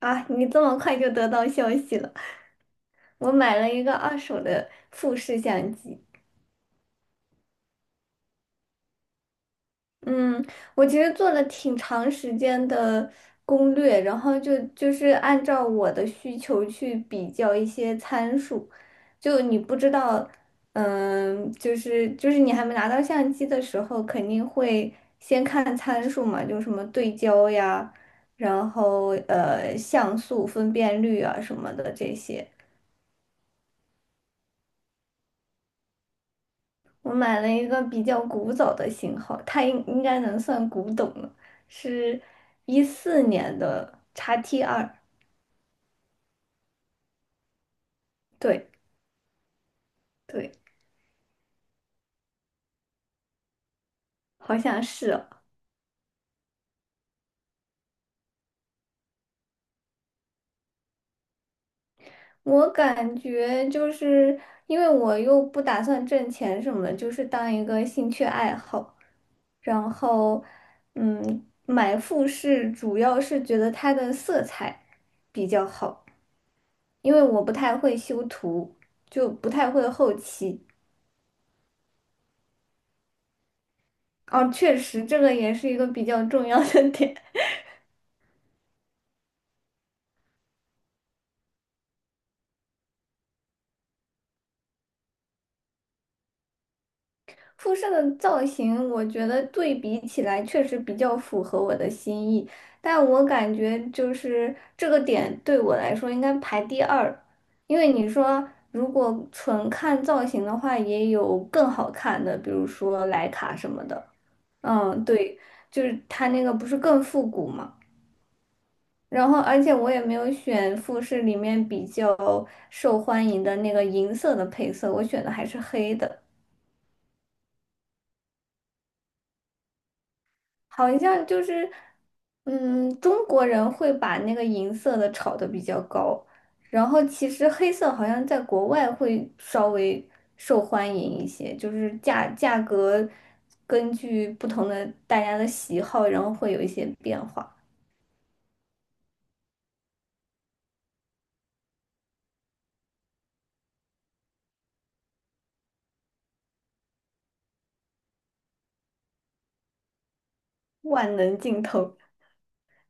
啊，你这么快就得到消息了？我买了一个二手的富士相机。嗯。我其实做了挺长时间的攻略，然后就是按照我的需求去比较一些参数。就你不知道，就是你还没拿到相机的时候，肯定会先看参数嘛，就什么对焦呀，然后像素、分辨率啊什么的这些。我买了一个比较古早的型号，它应该能算古董了，是14年的 XT2。对对，好像是哦。我感觉就是因为我又不打算挣钱什么的，就是当一个兴趣爱好。然后买富士主要是觉得它的色彩比较好，因为我不太会修图，就不太会后期。哦，确实，这个也是一个比较重要的点。复射的造型，我觉得对比起来确实比较符合我的心意，但我感觉就是这个点对我来说应该排第二，因为你说如果纯看造型的话，也有更好看的，比如说徕卡什么的。嗯，对，就是它那个不是更复古嘛。然后，而且我也没有选富士里面比较受欢迎的那个银色的配色，我选的还是黑的。好像就是，嗯，中国人会把那个银色的炒得比较高，然后其实黑色好像在国外会稍微受欢迎一些，就是价格根据不同的大家的喜好，然后会有一些变化。万能镜头。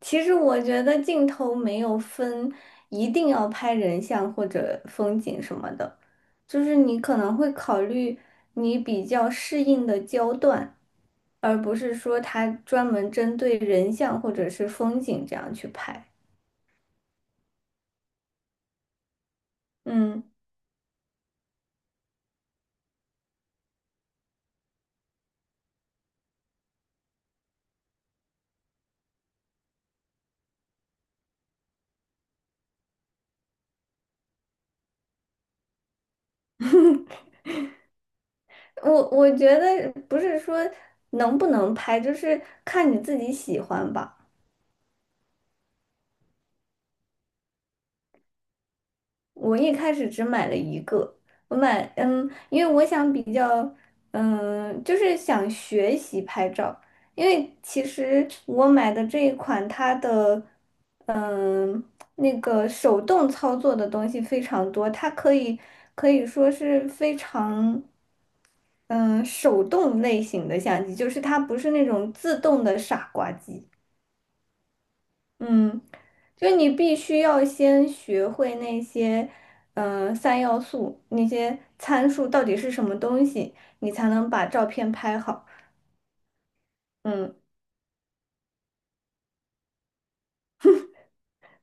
其实我觉得镜头没有分一定要拍人像或者风景什么的，就是你可能会考虑你比较适应的焦段，而不是说它专门针对人像或者是风景这样去拍。嗯，我觉得不是说能不能拍，就是看你自己喜欢吧。我一开始只买了一个，我买因为我想比较就是想学习拍照，因为其实我买的这一款它的嗯那个手动操作的东西非常多，它可以说是非常嗯手动类型的相机，就是它不是那种自动的傻瓜机。嗯，就你必须要先学会那些，三要素，那些参数到底是什么东西，你才能把照片拍好。嗯，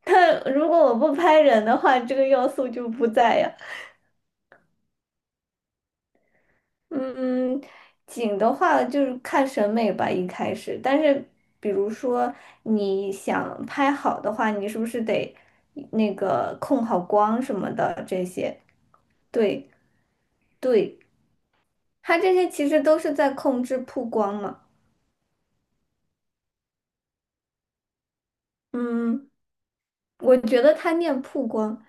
但如果我不拍人的话，这个要素就不在呀。嗯，景的话就是看审美吧，一开始。但是，比如说你想拍好的话，你是不是得那个控好光什么的这些？对对。它这些其实都是在控制曝光嘛。嗯，我觉得它念曝光，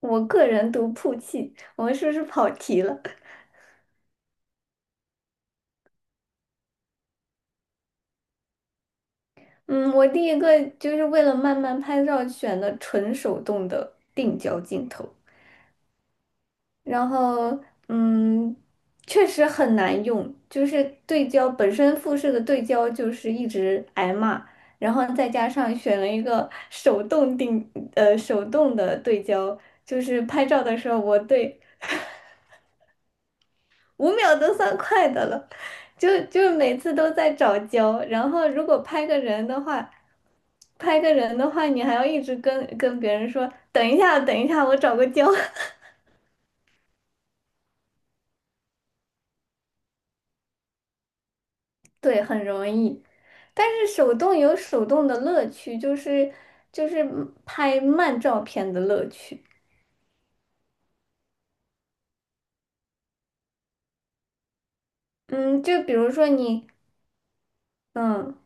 我个人读曝气。我们是不是跑题了？嗯，我第一个就是为了慢慢拍照选的纯手动的定焦镜头，然后嗯，确实很难用，就是对焦本身富士的对焦就是一直挨骂。然后再加上选了一个手动定，手动的对焦，就是拍照的时候，我对五秒都算快的了，就每次都在找焦，然后如果拍个人的话,你还要一直跟别人说，等一下，等一下，我找个焦。对，很容易。但是手动有手动的乐趣，就是拍慢照片的乐趣。嗯，就比如说你，嗯。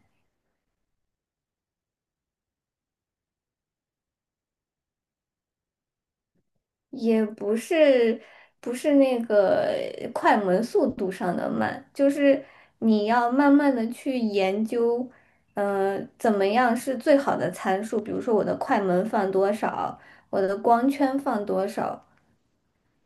也不是不是那个快门速度上的慢，就是你要慢慢的去研究，怎么样是最好的参数。比如说我的快门放多少，我的光圈放多少，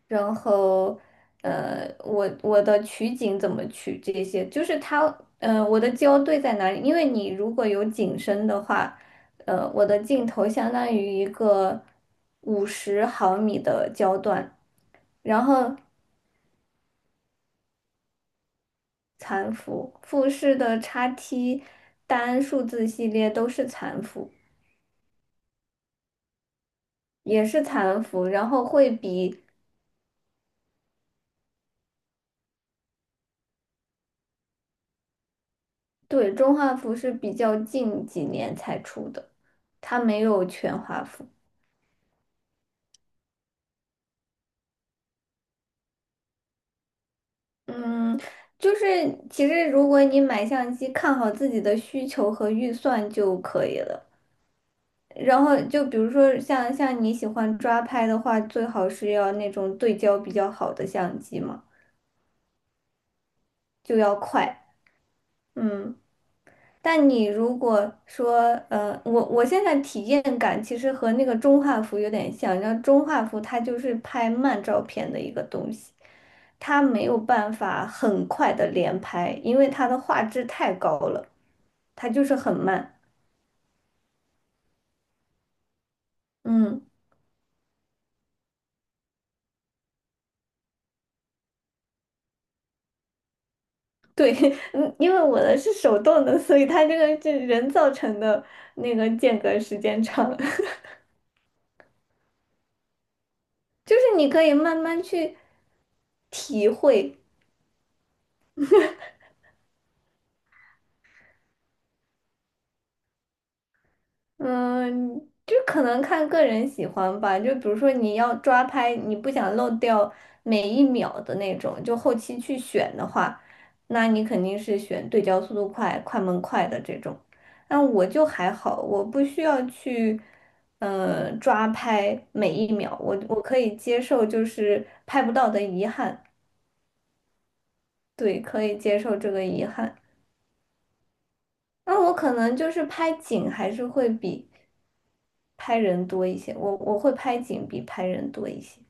然后，我的取景怎么取这些，就是它，我的焦对在哪里？因为你如果有景深的话，我的镜头相当于一个50毫米的焦段。然后残幅、富士的叉 T 单数字系列都是残幅，也是残幅，然后会比。对，中画幅是比较近几年才出的，它没有全画幅。嗯，就是其实如果你买相机，看好自己的需求和预算就可以了。然后就比如说像你喜欢抓拍的话，最好是要那种对焦比较好的相机嘛，就要快。嗯，但你如果说，我现在体验感其实和那个中画幅有点像，然后中画幅它就是拍慢照片的一个东西，它没有办法很快的连拍，因为它的画质太高了。它就是很慢。嗯，对，嗯，因为我的是手动的，所以它这个是人造成的那个间隔时间长。就是你可以慢慢去体会。嗯，就可能看个人喜欢吧。就比如说你要抓拍，你不想漏掉每一秒的那种，就后期去选的话，那你肯定是选对焦速度快、快门快的这种。那我就还好，我不需要去，抓拍每一秒，我可以接受，就是拍不到的遗憾。对，可以接受这个遗憾。那我可能就是拍景还是会比。拍人多一些，我会拍景比拍人多一些。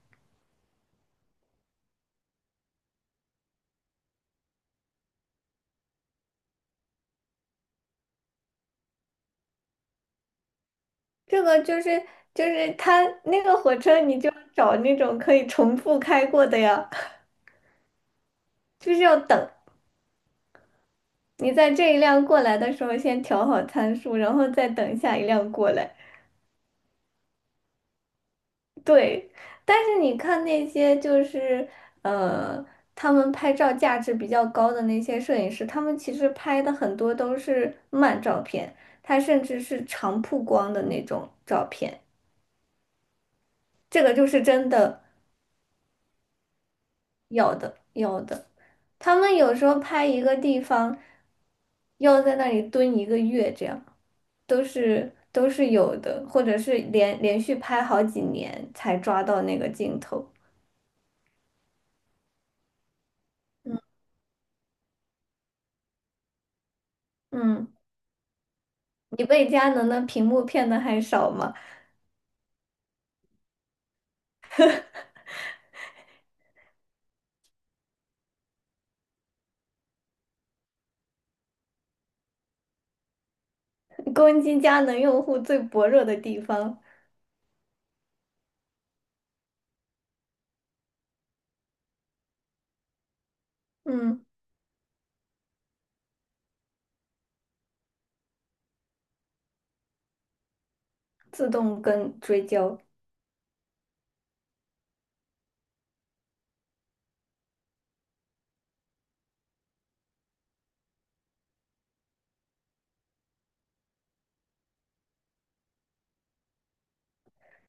这个就是它那个火车，你就找那种可以重复开过的呀，就是要等你在这一辆过来的时候，先调好参数，然后再等下一辆过来。对，但是你看那些就是呃，他们拍照价值比较高的那些摄影师，他们其实拍的很多都是慢照片，他甚至是长曝光的那种照片。这个就是真的。要的要的，他们有时候拍一个地方，要在那里蹲一个月，这样都是有的，或者是连续拍好几年才抓到那个镜头。嗯，你被佳能的屏幕骗的还少吗？攻击佳能用户最薄弱的地方。嗯，自动跟追焦。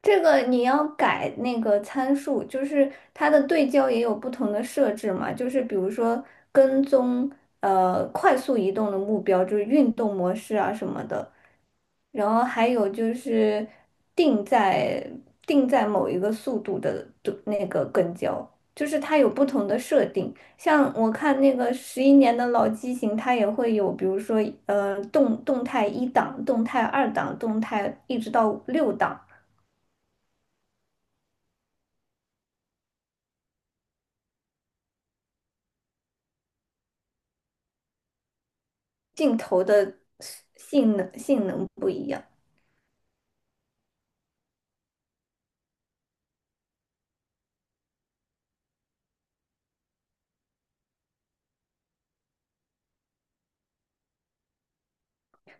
这个你要改那个参数，就是它的对焦也有不同的设置嘛，就是比如说跟踪快速移动的目标，就是运动模式啊什么的，然后还有就是定在定在某一个速度的那个跟焦，就是它有不同的设定。像我看那个11年的老机型，它也会有，比如说动态一档、动态二档、动态一直到六档。镜头的性能不一样。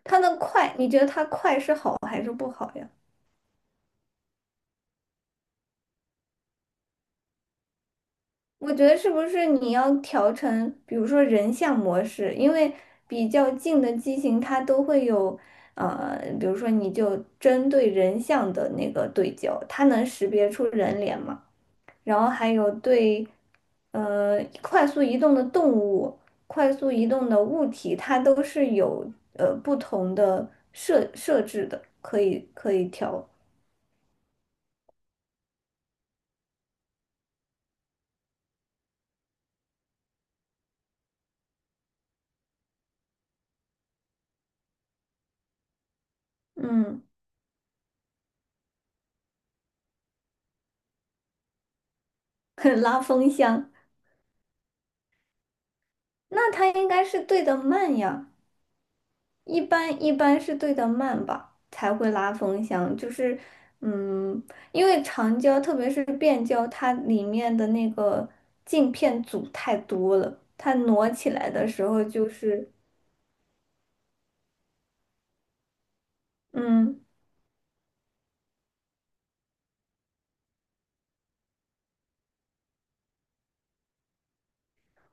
它的快，你觉得它快是好还是不好呀？我觉得是不是你要调成，比如说人像模式，因为比较近的机型它都会有，比如说你就针对人像的那个对焦，它能识别出人脸吗？然后还有对快速移动的动物、快速移动的物体，它都是有不同的设置的，可以调。嗯，拉风箱，那它应该是对的慢呀，一般是对的慢吧，才会拉风箱。就是嗯，因为长焦特别是变焦，它里面的那个镜片组太多了，它挪起来的时候就是嗯。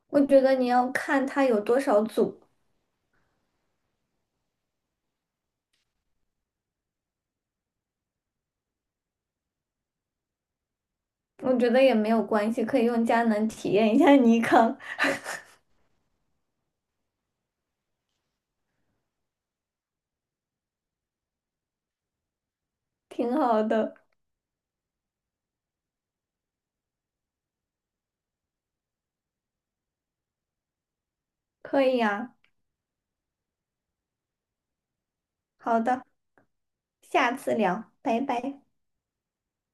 我觉得你要看它有多少组，我觉得也没有关系，可以用佳能体验一下尼康，挺好的，可以呀、好的，下次聊，拜拜。